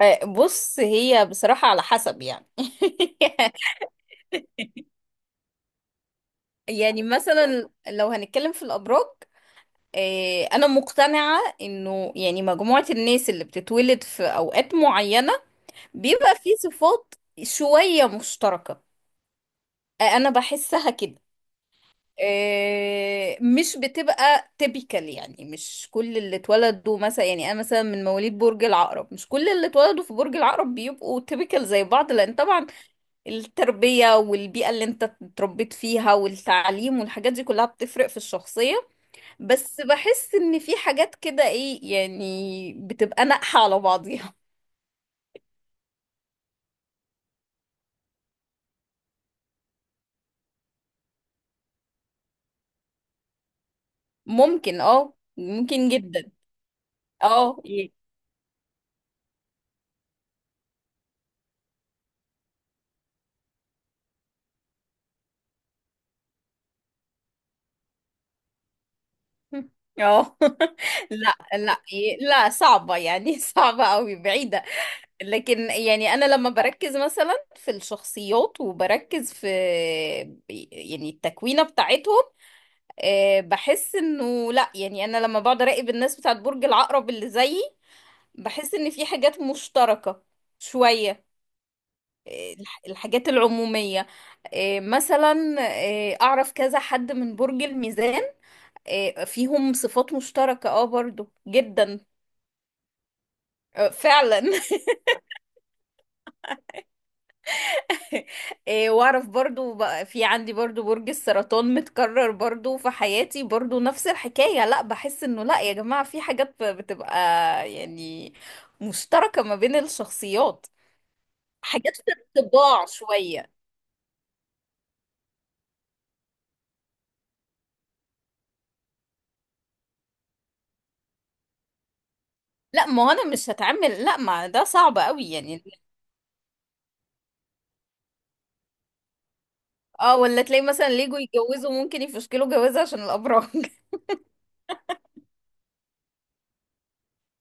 آه، بص، هي بصراحة على حسب يعني. يعني مثلا لو هنتكلم في الأبراج، آه، أنا مقتنعة إنه يعني مجموعة الناس اللي بتتولد في أوقات معينة بيبقى في صفات شوية مشتركة. آه، أنا بحسها كده. آه، مش بتبقى تيبيكال، يعني مش كل اللي اتولدوا مثلا، يعني أنا مثلا من مواليد برج العقرب، مش كل اللي اتولدوا في برج العقرب بيبقوا تيبيكال زي بعض، لأن طبعا التربية والبيئة اللي انت اتربيت فيها والتعليم والحاجات دي كلها بتفرق في الشخصية. بس بحس ان في حاجات كده، ايه يعني، بتبقى ناقحة على بعضيها. ممكن، ممكن جدا. اه، ايه. اه. لا لا، إيه، لا صعبة يعني. صعبة قوي، بعيدة. لكن يعني انا لما بركز مثلا في الشخصيات وبركز في يعني التكوينة بتاعتهم، آه، بحس انه لا، يعني انا لما بقعد اراقب الناس بتاعت برج العقرب اللي زيي، بحس ان في حاجات مشتركة شوية. آه، الحاجات العمومية. آه، مثلا، آه، اعرف كذا حد من برج الميزان، آه، فيهم صفات مشتركة اه برضو جدا. آه، فعلا. إيه، واعرف برضو بقى، في عندي برضو برج السرطان متكرر برضو في حياتي، برضو نفس الحكاية. لا بحس انه لا يا جماعة، في حاجات بتبقى يعني مشتركة ما بين الشخصيات، حاجات في الطباع شوية. لا ما هو انا مش هتعمل، لا ما ده صعب قوي يعني. اه، ولا تلاقي مثلا ليجو يتجوزوا ممكن يفشكلوا جوازة عشان الابراج.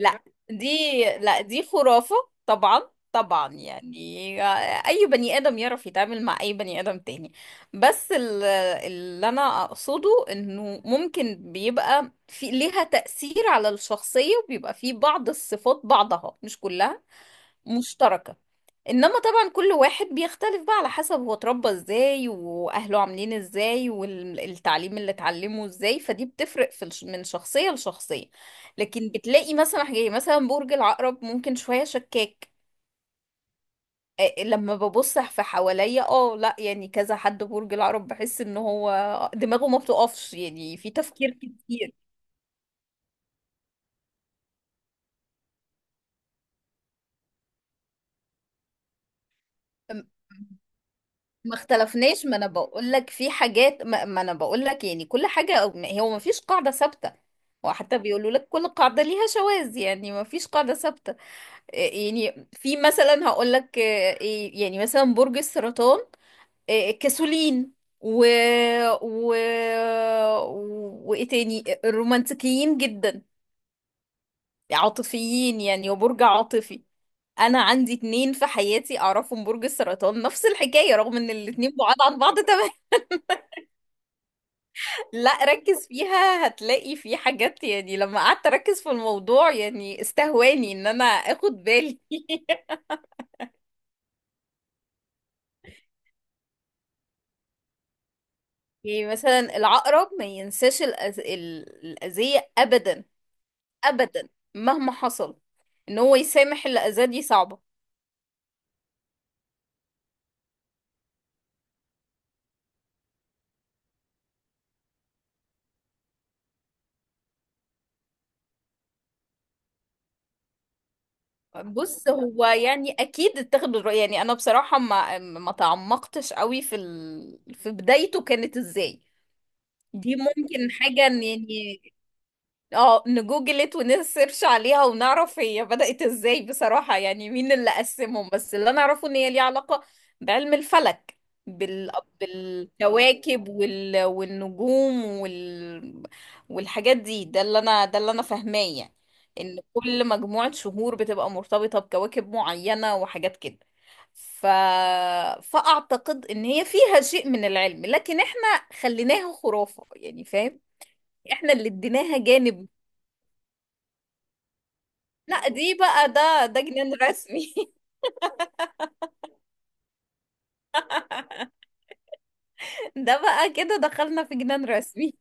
لا دي، لا دي خرافة. طبعا طبعا يعني، اي بني ادم يعرف يتعامل مع اي بني ادم تاني. بس اللي انا اقصده انه ممكن بيبقى في ليها تأثير على الشخصية، وبيبقى في بعض الصفات، بعضها مش كلها مشتركة. انما طبعا كل واحد بيختلف بقى على حسب هو اتربى ازاي، واهله عاملين ازاي، والتعليم اللي اتعلمه ازاي، فدي بتفرق من شخصية لشخصية. لكن بتلاقي مثلا حاجة، مثلا برج العقرب ممكن شوية شكاك. آه، لما ببص في حواليا، لا يعني كذا حد برج العقرب بحس ان هو دماغه ما بتقفش يعني، في تفكير كتير. ما اختلفناش، ما انا بقول لك في حاجات، ما انا بقول لك يعني كل حاجه، هو ما فيش قاعده ثابته. وحتى بيقولوا لك كل قاعده ليها شواذ، يعني ما فيش قاعده ثابته. إيه يعني، في مثلا هقول لك إيه يعني مثلا برج السرطان، إيه كسولين، و و وايه تاني الرومانسيين جدا، عاطفيين، يعني وبرج عاطفي. انا عندي اتنين في حياتي اعرفهم برج السرطان، نفس الحكايه، رغم ان الاتنين بعاد عن بعض تماما. لا ركز فيها هتلاقي في حاجات، يعني لما قعدت اركز في الموضوع يعني استهواني ان انا اخد بالي. يعني مثلا العقرب ما ينساش الأذية ابدا ابدا، مهما حصل، ان هو يسامح اللي اذاه دي صعبة. بص هو يعني اكيد اتخذ الرأي، يعني انا بصراحة ما تعمقتش قوي في بدايته كانت ازاي. دي ممكن حاجة يعني. اه نجوجلت ونسيرش عليها ونعرف هي بدأت ازاي بصراحة، يعني مين اللي قسمهم، بس اللي انا اعرفه ان هي ليها علاقة بعلم الفلك، بال... بالكواكب والنجوم والحاجات دي، ده اللي انا فاهماه يعني، ان كل مجموعة شهور بتبقى مرتبطة بكواكب معينة وحاجات كده. ف... فأعتقد ان هي فيها شيء من العلم لكن احنا خليناها خرافة، يعني فاهم، احنا اللي اديناها جانب. لا دي بقى ده جنان رسمي. ده بقى كده دخلنا في جنان رسمي.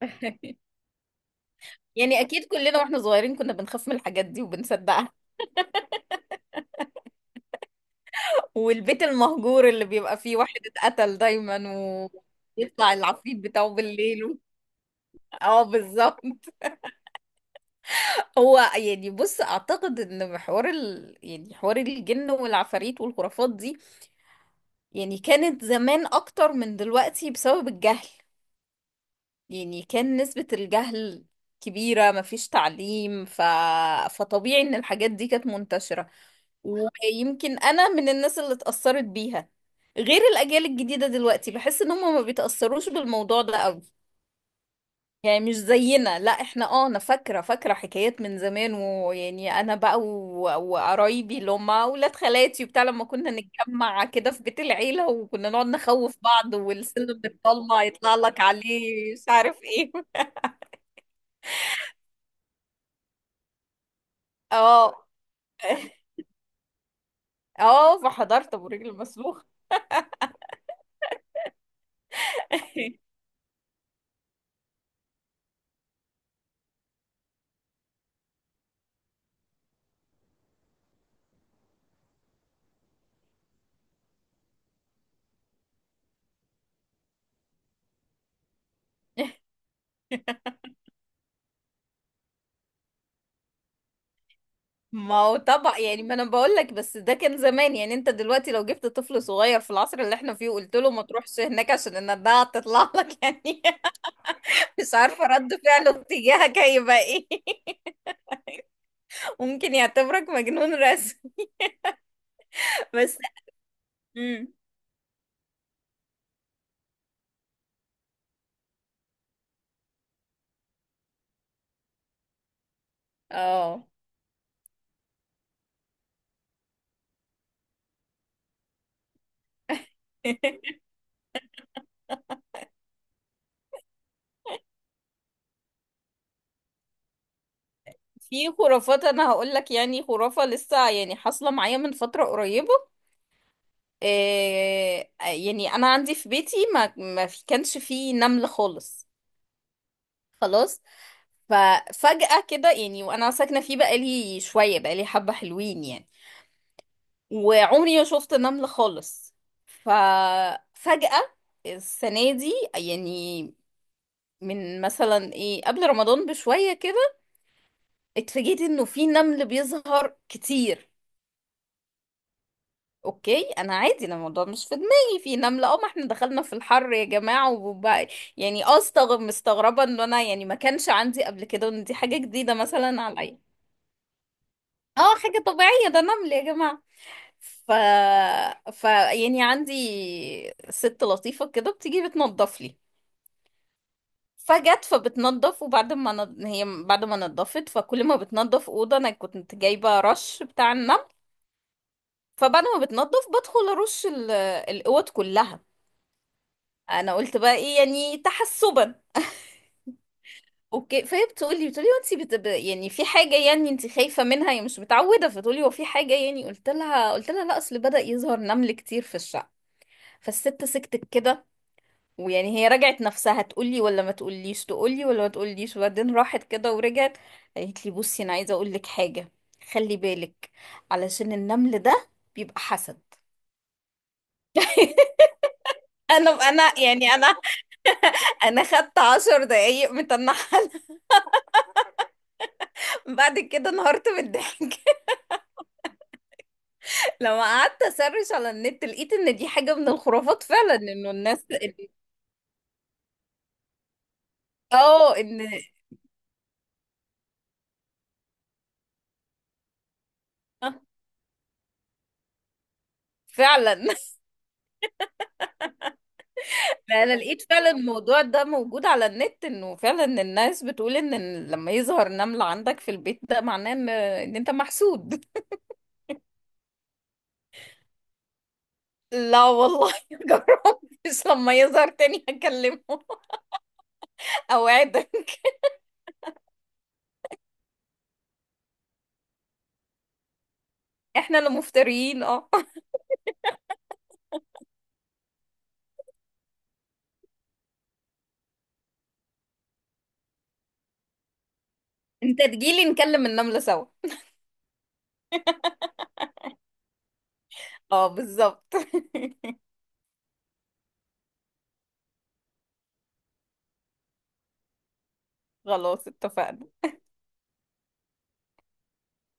يعني اكيد كلنا واحنا صغيرين كنا بنخاف من الحاجات دي وبنصدقها، والبيت المهجور اللي بيبقى فيه واحد اتقتل دايما ويطلع العفريت بتاعه بالليل. اه بالظبط. هو يعني بص اعتقد ان يعني حوار الجن والعفاريت والخرافات دي، يعني كانت زمان اكتر من دلوقتي بسبب الجهل، يعني كان نسبة الجهل كبيرة، مفيش تعليم، فطبيعي ان الحاجات دي كانت منتشرة. ويمكن انا من الناس اللي اتأثرت بيها، غير الاجيال الجديدة دلوقتي بحس ان هم ما بيتأثروش بالموضوع ده قوي، يعني مش زينا. لا احنا، انا فاكرة فاكرة حكايات من زمان، ويعني انا بقى وقرايبي اللي هم اولاد خالاتي وبتاع، لما كنا نتجمع كده في بيت العيلة وكنا نقعد نخوف بعض، والسلم بيتطلع يطلع لك عليه مش عارف ايه. اه. اه فحضرت ابو رجل مسلوخ. ما هو طبعا يعني، ما انا بقول لك، بس ده كان زمان. يعني انت دلوقتي لو جبت طفل صغير في العصر اللي احنا فيه وقلت له ما تروحش هناك عشان النداعة تطلع لك، يعني مش عارفة رد فعله تجاهك هيبقى ايه. ممكن يعتبرك مجنون رسم. بس، امم اه في خرافات انا هقول لك يعني، خرافة لسه يعني حاصلة معايا من فترة قريبة. آه، يعني انا عندي في بيتي ما في كانش فيه نمل خالص، خلاص. ففجأة كده يعني وانا ساكنة فيه بقالي شوية، بقالي حبة حلوين يعني، وعمري ما شفت نمل خالص. ففجأة السنة دي، يعني من مثلا ايه قبل رمضان بشوية كده، اتفاجئت انه في نمل بيظهر كتير. اوكي، انا عادي، انا الموضوع مش في دماغي في نملة، ما احنا دخلنا في الحر يا جماعة وبقى يعني، مستغربة ان انا يعني ما كانش عندي قبل كده، وان دي حاجة جديدة مثلا عليا. اه، حاجة طبيعية، ده نمل يا جماعة. ف... ف يعني عندي ست لطيفة كده بتيجي بتنضف لي، فجت فبتنضف، وبعد ما ن... هي بعد ما نضفت، فكل ما بتنضف أوضة أنا كنت جايبة رش بتاع النمل، فبعد ما بتنضف بدخل أرش الأوض كلها. انا قلت بقى ايه يعني تحسبا. اوكي، فهي بتقولي وانت يعني في حاجه يعني انت خايفه منها يعني مش متعوده، فتقولي هو في حاجه؟ يعني قلت لها لا اصل بدأ يظهر نمل كتير في الشقه. فالست سكتت كده، ويعني هي رجعت نفسها تقولي ولا ما تقوليش، تقولي ولا ما تقوليش، وبعدين راحت كده ورجعت، قالت لي بصي انا عايزه اقول لك حاجه، خلي بالك، علشان النمل ده بيبقى حسد. انا انا يعني انا انا خدت 10 دقايق متنحله، بعد كده انهارت من الضحك. لما قعدت اسرش على النت لقيت ان دي حاجة من الخرافات فعلا، انه الناس. اه ان. آه، فعلا. انا لقيت فعلا الموضوع ده موجود على النت، انه فعلا الناس بتقول ان لما يظهر نمل عندك في البيت ده معناه ان انت محسود. لا والله، جربتش، لما يظهر تاني هكلمه. اوعدك. احنا اللي مفتريين اه. انت تجيلي نكلم النملة سوا. اه بالظبط. خلاص اتفقنا.